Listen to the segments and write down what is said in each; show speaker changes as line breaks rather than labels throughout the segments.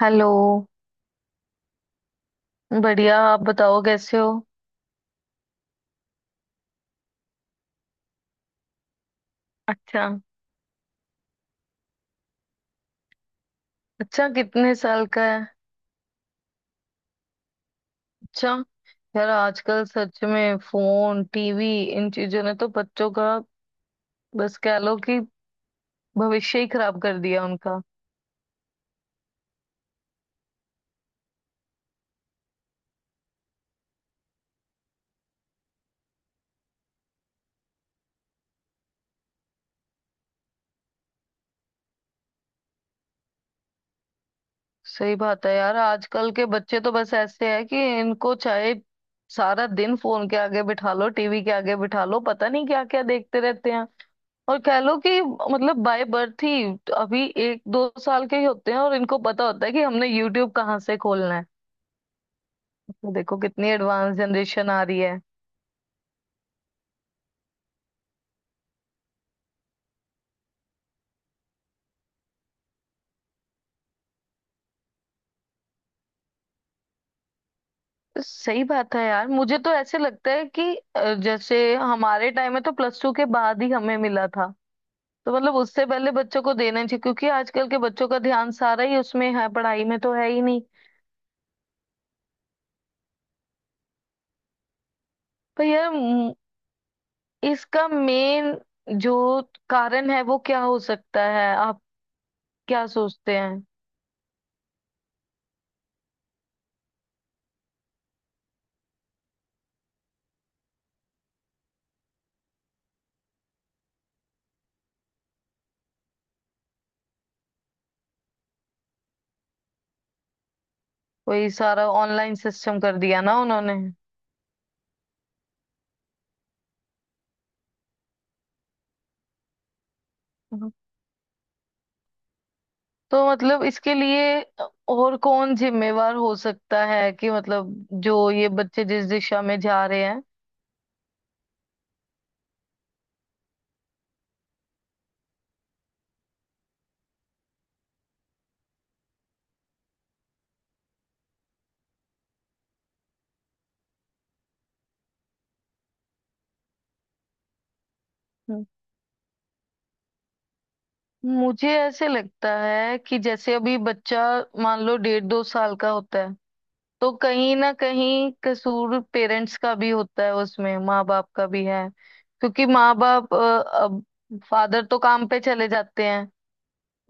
Hello. बढ़िया, आप बताओ कैसे हो? अच्छा। अच्छा, कितने साल का है? अच्छा। यार आजकल सच में फोन टीवी इन चीजों ने तो बच्चों का, बस कह लो कि भविष्य ही खराब कर दिया उनका। सही बात है यार, आजकल के बच्चे तो बस ऐसे हैं कि इनको चाहे सारा दिन फोन के आगे बिठा लो, टीवी के आगे बिठा लो, पता नहीं क्या क्या देखते रहते हैं। और कह लो कि मतलब बाय बर्थ ही, अभी एक दो साल के ही होते हैं और इनको पता होता है कि हमने यूट्यूब कहाँ से खोलना है। तो देखो कितनी एडवांस जनरेशन आ रही है। तो सही बात है यार, मुझे तो ऐसे लगता है कि जैसे हमारे टाइम में तो प्लस टू के बाद ही हमें मिला था। तो मतलब उससे पहले बच्चों को देना चाहिए क्योंकि आजकल के बच्चों का ध्यान सारा ही उसमें है, पढ़ाई में तो है ही नहीं। पर यार इसका मेन जो कारण है वो क्या हो सकता है? आप क्या सोचते हैं? वही सारा ऑनलाइन सिस्टम कर दिया ना उन्होंने। हम्म। तो मतलब इसके लिए और कौन जिम्मेवार हो सकता है कि मतलब जो ये बच्चे जिस दिशा में जा रहे हैं। हम्म। मुझे ऐसे लगता है कि जैसे अभी बच्चा मान लो डेढ़ दो साल का होता है, तो कहीं ना कहीं कसूर पेरेंट्स का भी होता है उसमें, माँ बाप का भी है। क्योंकि माँ बाप अब फादर तो काम पे चले जाते हैं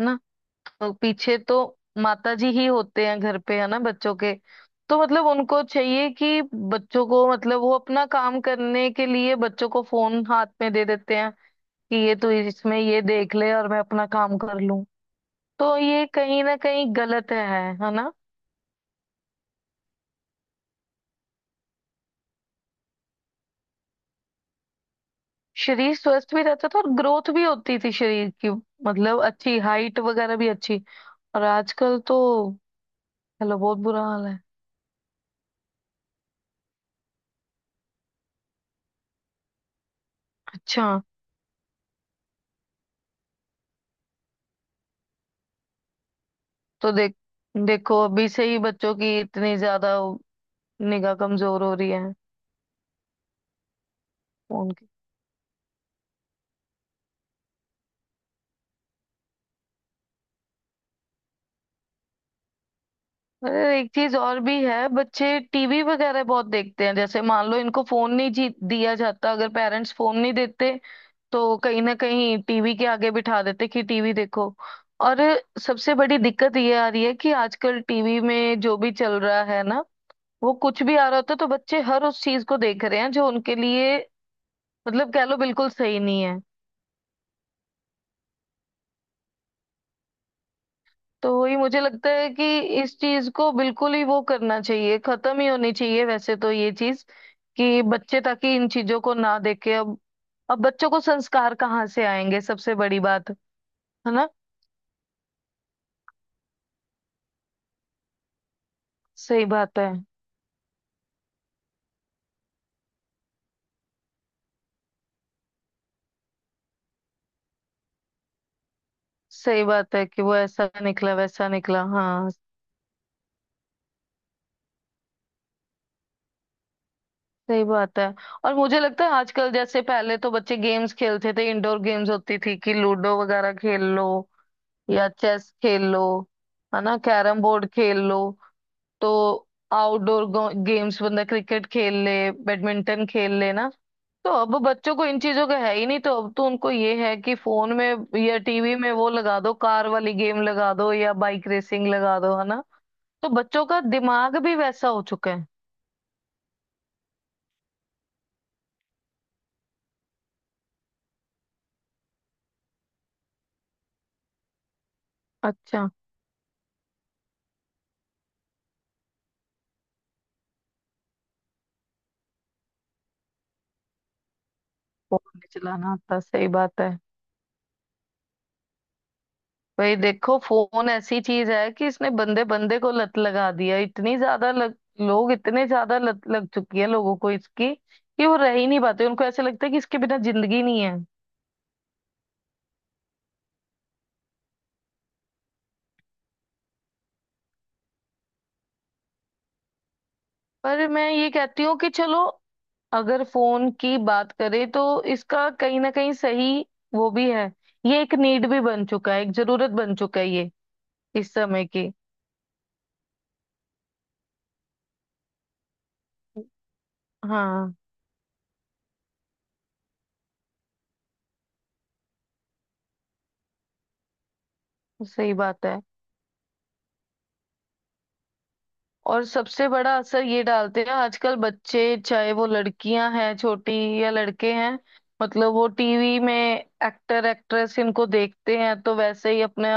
ना। और पीछे तो माता जी ही होते हैं घर पे, है ना, बच्चों के। तो मतलब उनको चाहिए कि बच्चों को मतलब वो अपना काम करने के लिए बच्चों को फोन हाथ में दे देते हैं कि ये तू इसमें ये देख ले और मैं अपना काम कर लूं। तो ये कहीं ना कहीं गलत है ना। शरीर स्वस्थ भी रहता था और ग्रोथ भी होती थी शरीर की। मतलब अच्छी हाइट वगैरह भी अच्छी। और आजकल तो चलो बहुत बुरा हाल है। अच्छा। तो देखो अभी से ही बच्चों की इतनी ज्यादा निगाह कमजोर हो रही है। फोन की। अरे एक चीज और भी है, बच्चे टीवी वगैरह बहुत देखते हैं। जैसे मान लो इनको फोन नहीं दिया जाता। अगर पेरेंट्स फोन नहीं देते तो कहीं ना कहीं टीवी के आगे बिठा देते कि टीवी देखो। और सबसे बड़ी दिक्कत ये आ रही है कि आजकल टीवी में जो भी चल रहा है ना, वो कुछ भी आ रहा होता है तो बच्चे हर उस चीज को देख रहे हैं जो उनके लिए मतलब कह लो बिल्कुल सही नहीं है। तो ये मुझे लगता है कि इस चीज को बिल्कुल ही वो करना चाहिए, खत्म ही होनी चाहिए वैसे तो ये चीज। कि बच्चे ताकि इन चीजों को ना देखे। अब बच्चों को संस्कार कहाँ से आएंगे, सबसे बड़ी बात, है ना। सही बात है। सही बात है कि वो ऐसा निकला वैसा निकला, हाँ। सही बात है। और मुझे लगता है आजकल जैसे पहले तो बच्चे गेम्स खेलते थे, इंडोर गेम्स होती थी कि लूडो वगैरह खेल लो, या चेस खेल लो, है ना, कैरम बोर्ड खेल लो। तो आउटडोर गेम्स बंदा क्रिकेट खेल ले, बैडमिंटन खेल ले ना। तो अब बच्चों को इन चीजों का है ही नहीं। तो अब तो उनको ये है कि फोन में या टीवी में वो लगा दो, कार वाली गेम लगा दो या बाइक रेसिंग लगा दो, है ना। तो बच्चों का दिमाग भी वैसा हो चुका है। अच्छा। फोन नहीं चलाना आता, सही बात है। भाई देखो फोन ऐसी चीज है कि इसने बंदे बंदे को लत लगा दिया। इतनी ज्यादा लोग इतने ज्यादा लत लग चुकी है लोगों को इसकी कि वो रह ही नहीं पाते। उनको ऐसे लगता है कि इसके बिना जिंदगी नहीं है। पर मैं ये कहती हूँ कि चलो अगर फोन की बात करें तो इसका कहीं ना कहीं सही वो भी है। ये एक नीड भी बन चुका है, एक जरूरत बन चुका है ये, इस समय की। हाँ, सही बात है। और सबसे बड़ा असर ये डालते हैं आजकल बच्चे, चाहे वो लड़कियां हैं छोटी या लड़के हैं, मतलब वो टीवी में एक्टर एक्ट्रेस इनको देखते हैं तो वैसे ही अपने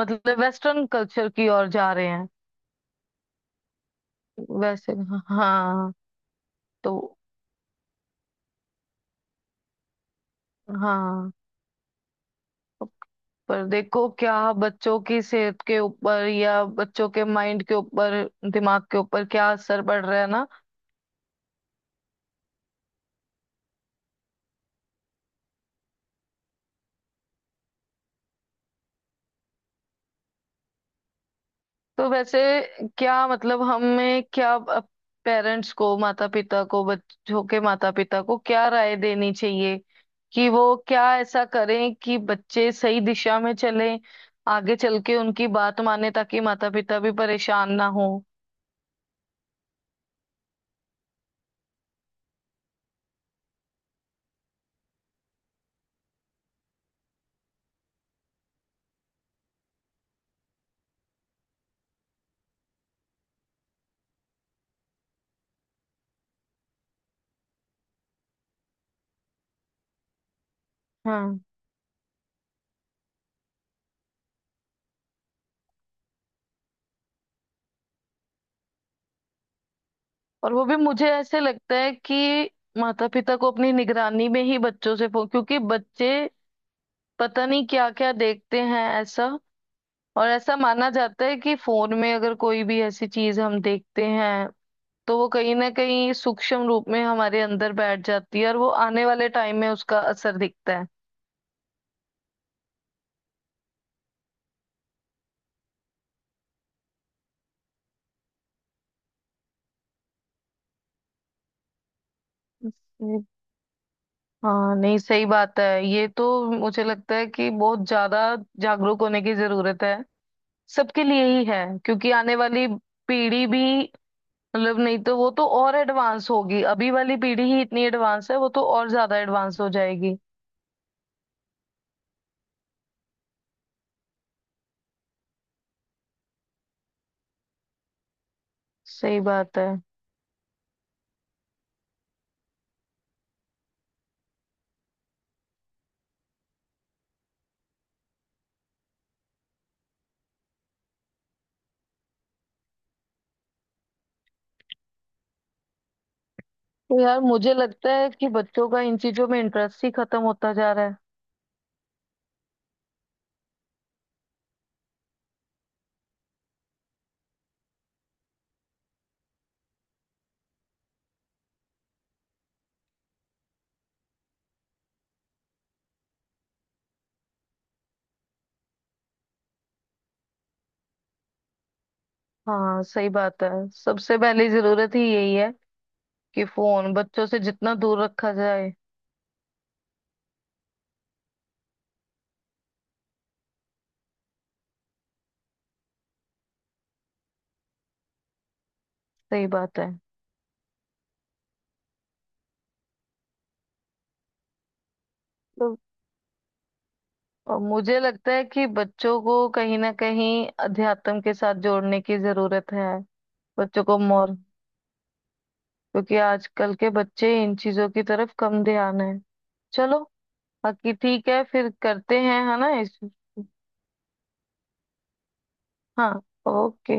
मतलब वेस्टर्न कल्चर की ओर जा रहे हैं। वैसे। हाँ। तो हाँ। पर देखो क्या बच्चों की सेहत के ऊपर या बच्चों के माइंड के ऊपर दिमाग के ऊपर क्या असर पड़ रहा है ना। तो वैसे क्या मतलब हमें क्या पेरेंट्स को माता पिता को बच्चों के माता पिता को क्या राय देनी चाहिए कि वो क्या ऐसा करें कि बच्चे सही दिशा में चलें, आगे चल के उनकी बात माने ताकि माता पिता भी परेशान ना हो। हाँ। और वो भी मुझे ऐसे लगता है कि माता पिता को अपनी निगरानी में ही बच्चों से फो क्योंकि बच्चे पता नहीं क्या क्या देखते हैं ऐसा। और ऐसा माना जाता है कि फोन में अगर कोई भी ऐसी चीज हम देखते हैं तो वो कहीं ना कहीं सूक्ष्म रूप में हमारे अंदर बैठ जाती है और वो आने वाले टाइम में उसका असर दिखता है। हम्म, हाँ, नहीं, सही बात है ये तो। मुझे लगता है कि बहुत ज्यादा जागरूक होने की जरूरत है, सबके लिए ही है, क्योंकि आने वाली पीढ़ी भी मतलब नहीं तो वो तो और एडवांस होगी। अभी वाली पीढ़ी ही इतनी एडवांस है, वो तो और ज्यादा एडवांस हो जाएगी। सही बात है। तो यार मुझे लगता है कि बच्चों का इन चीजों में इंटरेस्ट ही खत्म होता जा रहा है। हाँ सही बात है। सबसे पहली जरूरत ही यही है कि फोन बच्चों से जितना दूर रखा जाए। सही बात है तो मुझे लगता है कि बच्चों को कहीं ना कहीं अध्यात्म के साथ जोड़ने की जरूरत है। बच्चों को मोर क्योंकि आजकल के बच्चे इन चीजों की तरफ कम ध्यान है। चलो बाकी ठीक है फिर करते हैं है ना इस। हाँ। ओके।